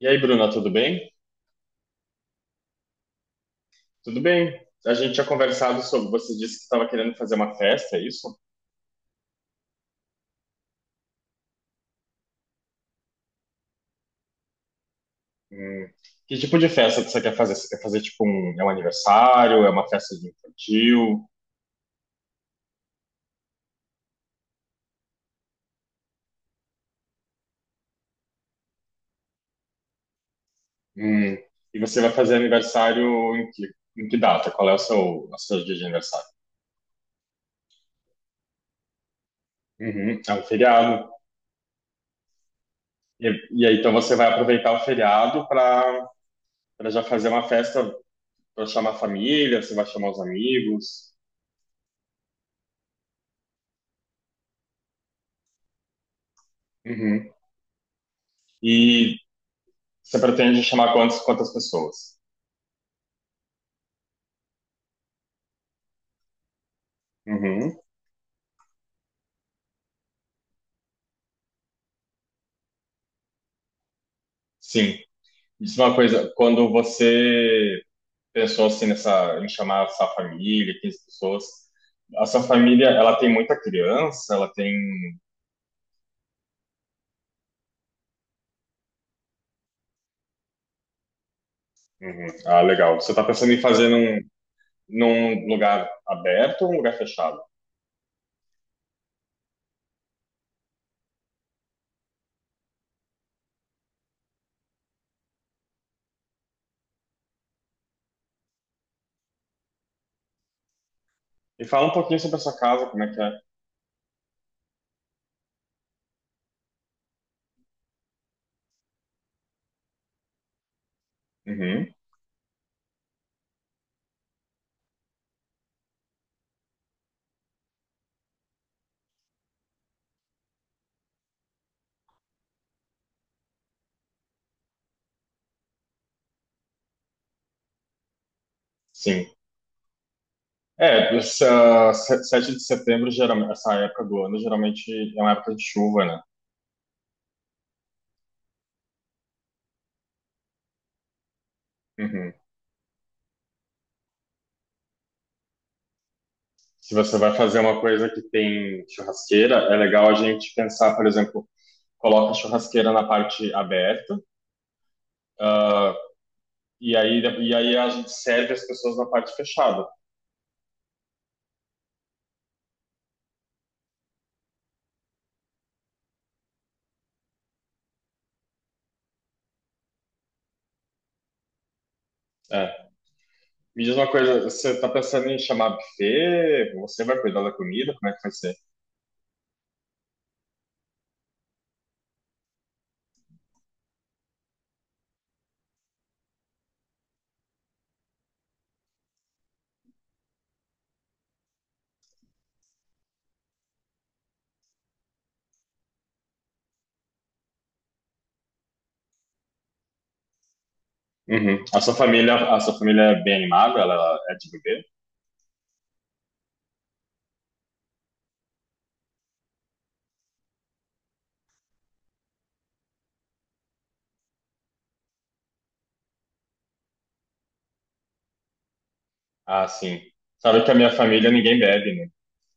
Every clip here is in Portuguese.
E aí, Bruna, tudo bem? Tudo bem. A gente tinha conversado sobre. Você disse que estava querendo fazer uma festa, é isso? Hum. Que tipo de festa que você quer fazer? Você quer fazer tipo um. É um aniversário? É uma festa de infantil? Hum. E você vai fazer aniversário em que data? Qual é o seu dia de aniversário? Uhum. É um feriado. E, e aí, então você vai aproveitar o feriado para já fazer uma festa para chamar a família, você vai chamar os amigos. Uhum. E você pretende chamar quantas pessoas? Uhum. Sim. Me diz uma coisa, quando você pensou assim em chamar a sua família, 15 pessoas, a sua família, ela tem muita criança, ela tem... Uhum. Ah, legal. Você está pensando em fazer num lugar aberto ou um lugar fechado? E fala um pouquinho sobre a sua casa, como é que é. Uhum. Sim. É, essa, se- 7 de setembro, geralmente, essa época do ano, geralmente é uma época de chuva, né? Se você vai fazer uma coisa que tem churrasqueira, é legal a gente pensar, por exemplo, coloca a churrasqueira na parte aberta, ah, e aí, e aí a gente serve as pessoas na parte fechada. É. Me diz uma coisa, você tá pensando em chamar buffet? Você vai cuidar da comida? Como é que vai ser? Uhum. A sua família é bem animada? Ela é de beber? Ah, sim. Sabe que a minha família ninguém bebe, né?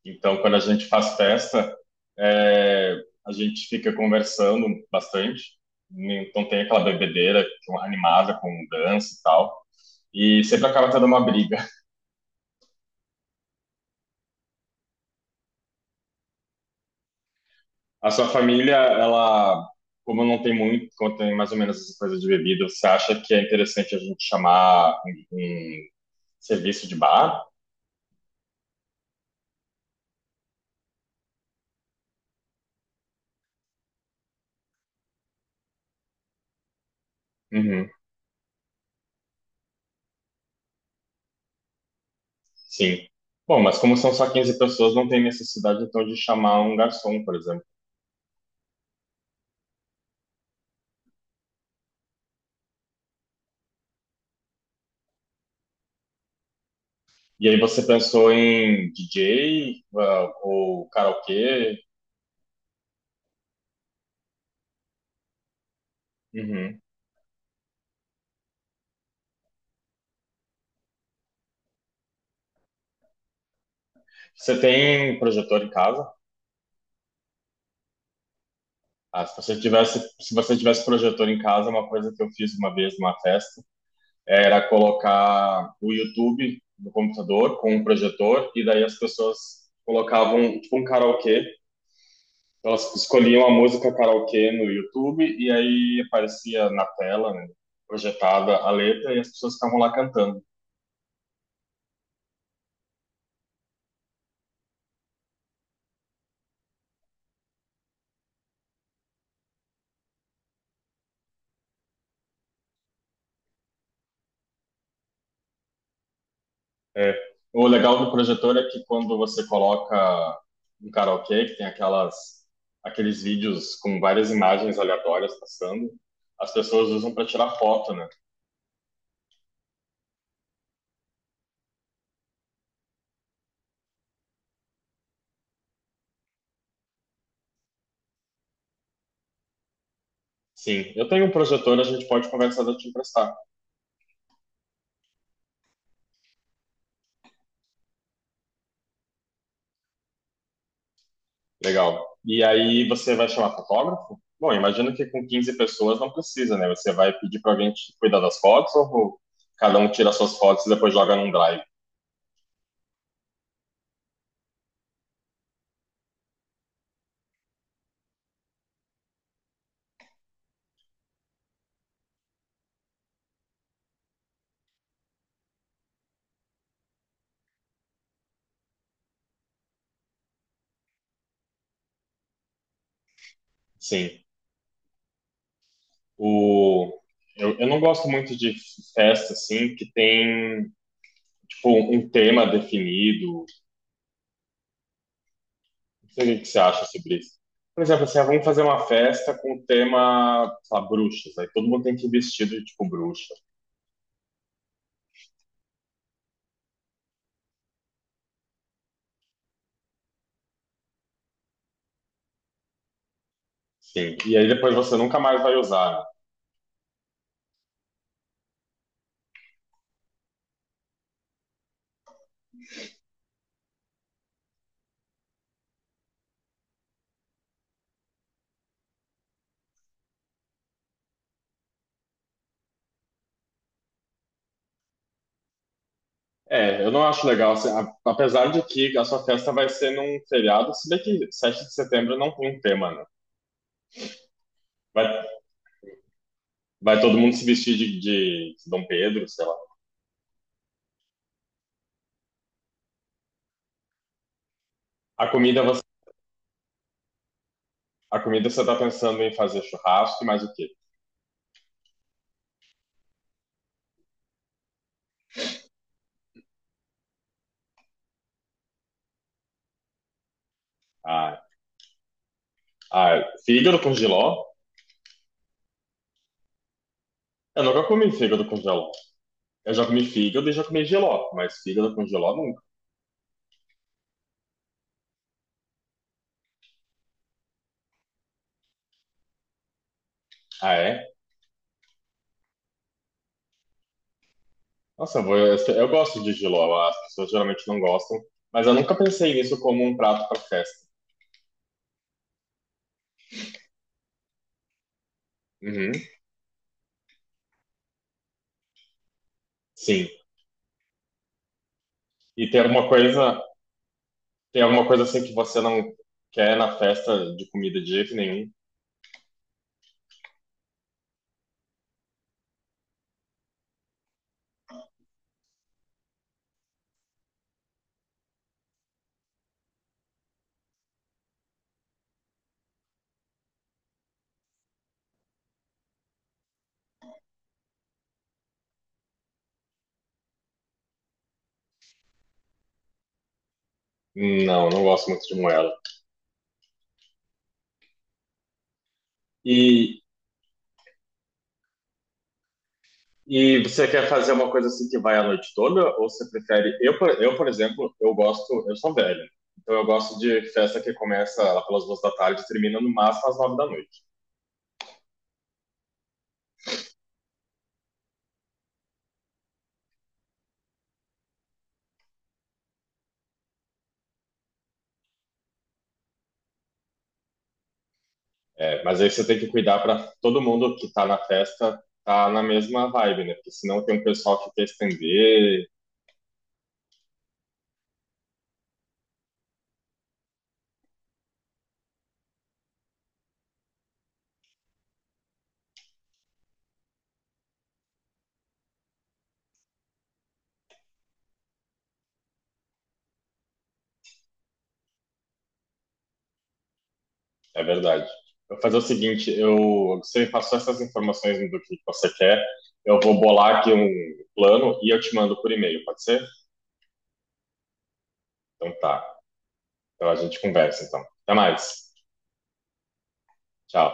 Então, quando a gente faz festa, é, a gente fica conversando bastante. Então, tem aquela bebedeira que é uma animada com dança e tal. E sempre acaba tendo uma briga. A sua família, ela, como não tem muito, como tem mais ou menos essa coisa de bebida, você acha que é interessante a gente chamar um serviço de bar? Uhum, sim. Bom, mas como são só 15 pessoas, não tem necessidade, então, de chamar um garçom, por exemplo. E aí você pensou em DJ, ah, ou karaokê? Uhum. Você tem projetor em casa? Ah, se você tivesse projetor em casa, uma coisa que eu fiz uma vez numa festa era colocar o YouTube no computador com um projetor e daí as pessoas colocavam tipo um karaokê. Elas escolhiam a música karaokê no YouTube e aí aparecia na tela, né, projetada a letra e as pessoas ficavam lá cantando. É, o legal do projetor é que quando você coloca um karaokê, que tem aqueles vídeos com várias imagens aleatórias passando, as pessoas usam para tirar foto, né? Sim, eu tenho um projetor, a gente pode conversar de eu te emprestar. Legal. E aí você vai chamar fotógrafo? Bom, imagino que com 15 pessoas não precisa, né? Você vai pedir para alguém te cuidar das fotos ou cada um tira suas fotos e depois joga num drive? Sim. O... Eu não gosto muito de festa, assim, que tem tipo, um tema definido? Não sei o que que você acha sobre isso. Por exemplo, assim, ah, vamos fazer uma festa com o tema, sei lá, bruxas. Aí todo mundo tem que ir vestido de, tipo, bruxa. Sim. E aí depois você nunca mais vai usar, né? É, eu não acho legal, assim, apesar de que a sua festa vai ser num feriado, se bem que 7 de setembro não tem um tema, né? Vai, vai todo mundo se vestir de Dom Pedro, sei lá. A comida, você, a comida você tá pensando em fazer churrasco e mais o quê? Ah, ah, fígado com giló? Eu nunca comi fígado com giló. Eu já comi fígado e já comi jiló, mas fígado com jiló nunca. Ah, é? Nossa, eu gosto de jiló, as pessoas geralmente não gostam, mas eu nunca pensei nisso como um prato para festa. Uhum, sim. E tem alguma coisa assim que você não quer na festa de comida de jeito nenhum? Não, não gosto muito de moela. E E você quer fazer uma coisa assim que vai a noite toda? Ou você prefere. Por exemplo, eu gosto. Eu sou velho. Então eu gosto de festa que começa lá pelas 2 da tarde e termina no máximo às 9 da noite. É, mas aí você tem que cuidar para todo mundo que tá na festa tá na mesma vibe, né? Porque senão tem um pessoal que quer estender. É verdade. Eu vou fazer o seguinte: você me passou essas informações do que você quer. Eu vou bolar aqui um plano e eu te mando por e-mail, pode ser? Então tá. Então a gente conversa, então. Até mais. Tchau.